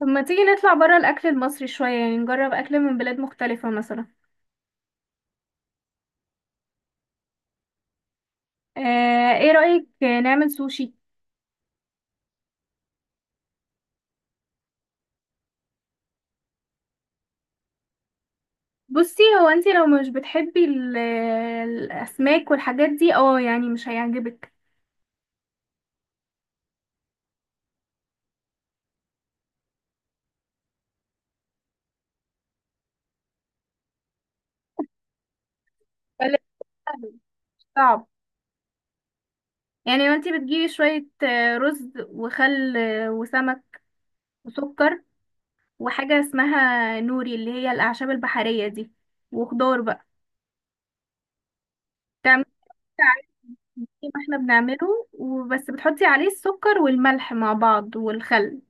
طب ما تيجي نطلع بره الأكل المصري شوية، يعني نجرب أكل من بلاد مختلفة مثلا. آه، ايه رأيك نعمل سوشي؟ بصي، هو انتي لو مش بتحبي الأسماك والحاجات دي اه، يعني مش هيعجبك. بل- مش صعب. يعني وانتي بتجيبي شوية رز وخل وسمك وسكر، وحاجة اسمها نوري اللي هي الأعشاب البحرية دي، وخضار بقى تعملي عليه زي ما احنا بنعمله، وبس بتحطي عليه السكر والملح مع بعض والخل.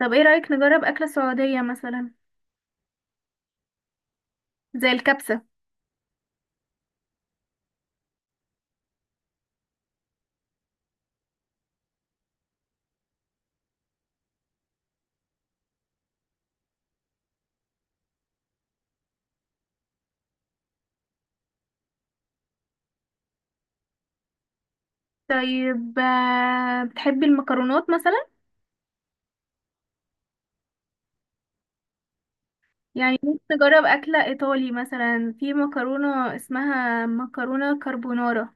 طب ايه رأيك نجرب أكلة سعودية مثلا؟ زي الكبسة. طيب بتحبي المكرونات مثلا؟ يعني ممكن نجرب أكلة إيطالي مثلا، في مكرونة اسمها مكرونة كربونارا.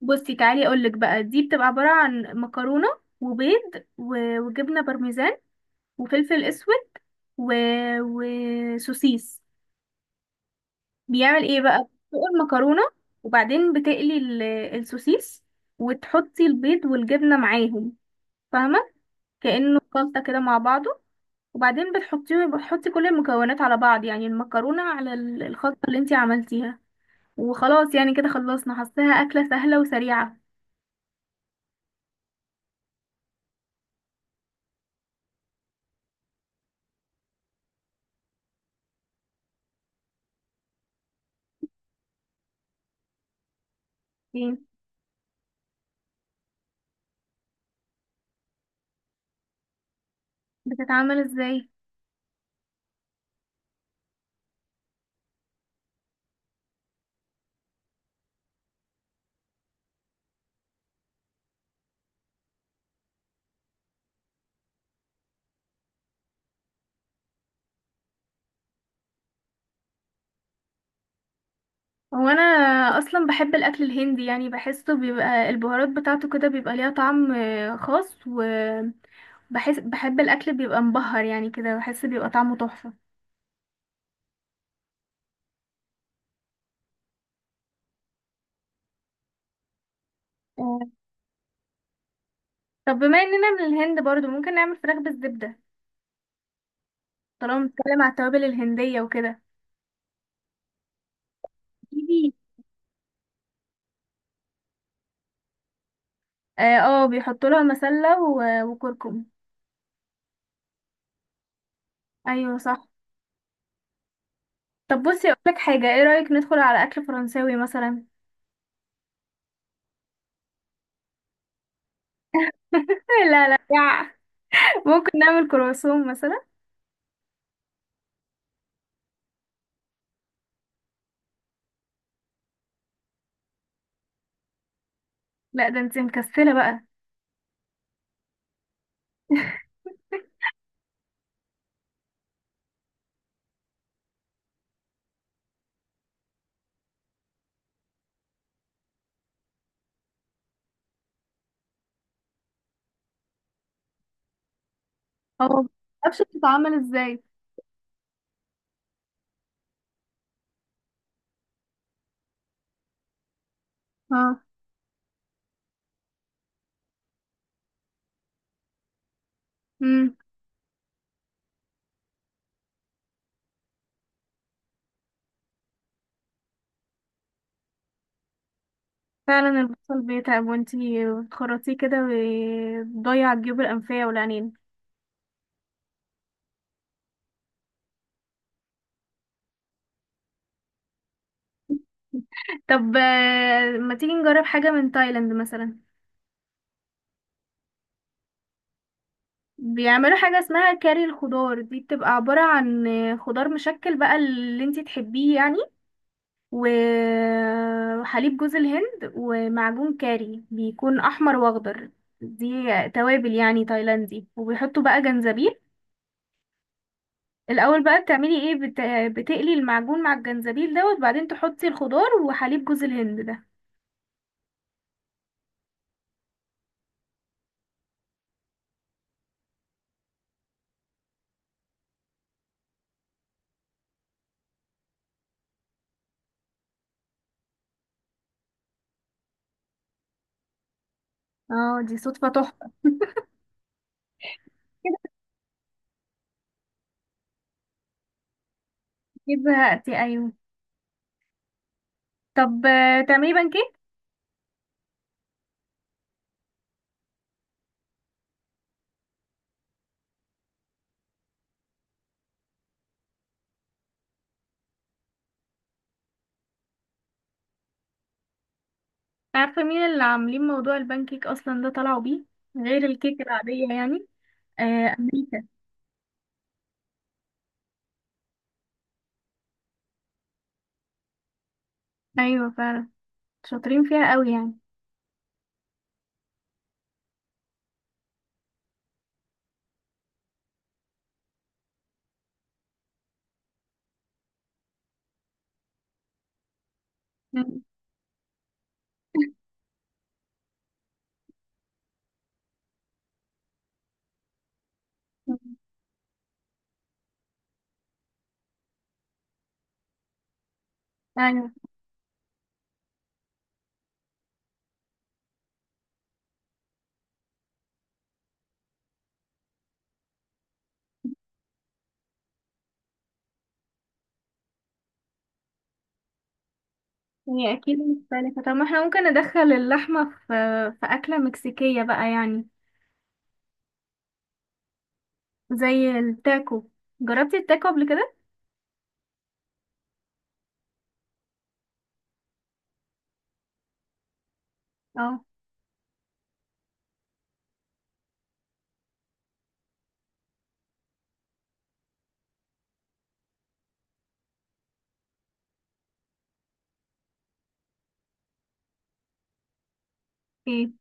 بصي تعالي أقولك بقى، دي بتبقى عبارة عن مكرونة وبيض وجبنة بارميزان وفلفل أسود و... وسوسيس. بيعمل ايه بقى؟ بتسلق المكرونة وبعدين بتقلي السوسيس، وتحطي البيض والجبنة معاهم، فاهمة؟ كأنه خلطة كده مع بعضه. وبعدين بتحطي كل المكونات على بعض، يعني المكرونة على الخلطة اللي انتي عملتيها، وخلاص يعني كده خلصنا. حاساها أكلة سهلة وسريعة. ايه بتتعمل ازاي؟ هو انا اصلا بحب الاكل الهندي، يعني بحسه بيبقى البهارات بتاعته كده بيبقى ليها طعم خاص، وبحس بحب الاكل بيبقى مبهر يعني كده، بحس بيبقى طعمه تحفة. آه، طب بما اننا من الهند برضو، ممكن نعمل فراخ بالزبدة طالما بنتكلم على التوابل الهندية وكده. اه، بيحطوا لها مسلة وكركم. ايوه صح. طب بصي اقول لك حاجة، ايه رأيك ندخل على اكل فرنساوي مثلا؟ لا لا. ممكن نعمل كرواسون مثلا. لا ده انت مكسلة بقى. اه، ما اعرفش. بتتعمل ازاي؟ اه. امم. فعلا البصل بيتعب، وانتي بتخرطيه كده وبتضيع الجيوب الأنفية والعينين. طب ما تيجي نجرب حاجة من تايلاند مثلا؟ بيعملوا حاجة اسمها كاري الخضار، دي بتبقى عبارة عن خضار مشكل بقى اللي انتي تحبيه يعني، وحليب جوز الهند ومعجون كاري بيكون أحمر وأخضر. دي توابل يعني تايلاندي. وبيحطوا بقى جنزبيل. الأول بقى بتعملي ايه؟ بتقلي المعجون مع الجنزبيل ده، وبعدين تحطي الخضار وحليب جوز الهند ده. اه، دي صدفة تحفة. كده زهقتي ايوه. طب تعملي بانكيك؟ عارفة مين اللي عاملين موضوع البان كيك أصلا ده؟ طلعوا بيه غير الكيك العادية يعني. آه، أمريكا. أيوة فعلا، شاطرين فيها قوي يعني. مم. أيوة. هي أكيد مختلفة. طب ما احنا ممكن ندخل اللحمة في في أكلة مكسيكية بقى يعني. زي التاكو، جربتي التاكو قبل كده؟ اه. ايه.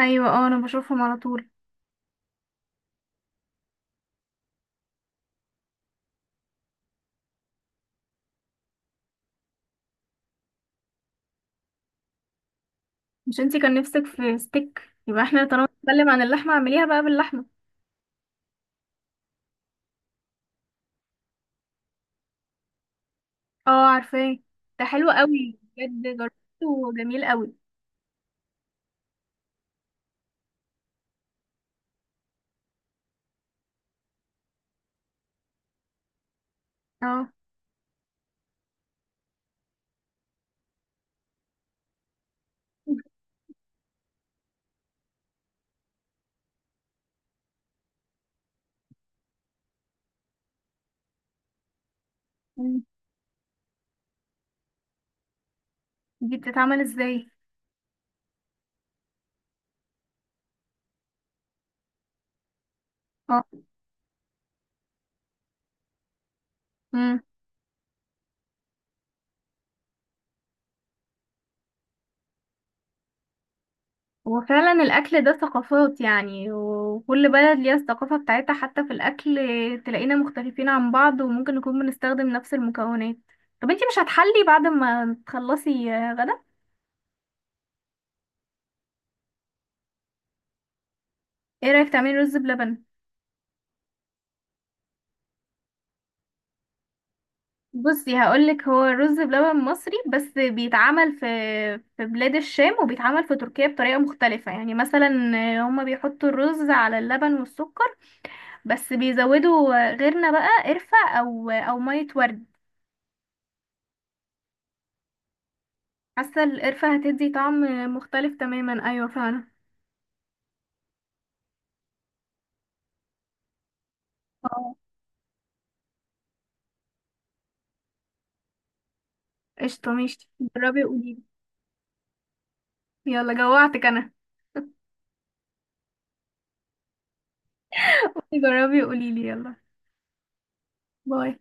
أيوة، اه، أنا بشوفهم على طول. مش انتي كان نفسك في ستيك؟ يبقى احنا طالما بنتكلم عن اللحمة، اعمليها بقى باللحمة. اه، عارفاه، ده حلو قوي بجد، جربته جميل قوي. اه. مم. دي بتتعمل ازاي؟ اه. امم. وفعلا الاكل ده ثقافات يعني، وكل بلد ليها الثقافة بتاعتها حتى في الاكل. تلاقينا مختلفين عن بعض، وممكن نكون بنستخدم نفس المكونات. طب انتي مش هتحلي بعد ما تخلصي غدا؟ ايه رأيك تعملي رز بلبن؟ بصي هقولك، هو رز بلبن مصري، بس بيتعمل في في بلاد الشام، وبيتعمل في تركيا بطريقة مختلفة يعني. مثلا هما بيحطوا الرز على اللبن والسكر، بس بيزودوا غيرنا بقى قرفة او مية ورد. حاسة القرفة هتدي طعم مختلف تماما، ايوه فعلا. اه، قشطة ماشي. جربي وقوليلي يلا، جوعتك انا. جربي وقوليلي يلا. باي.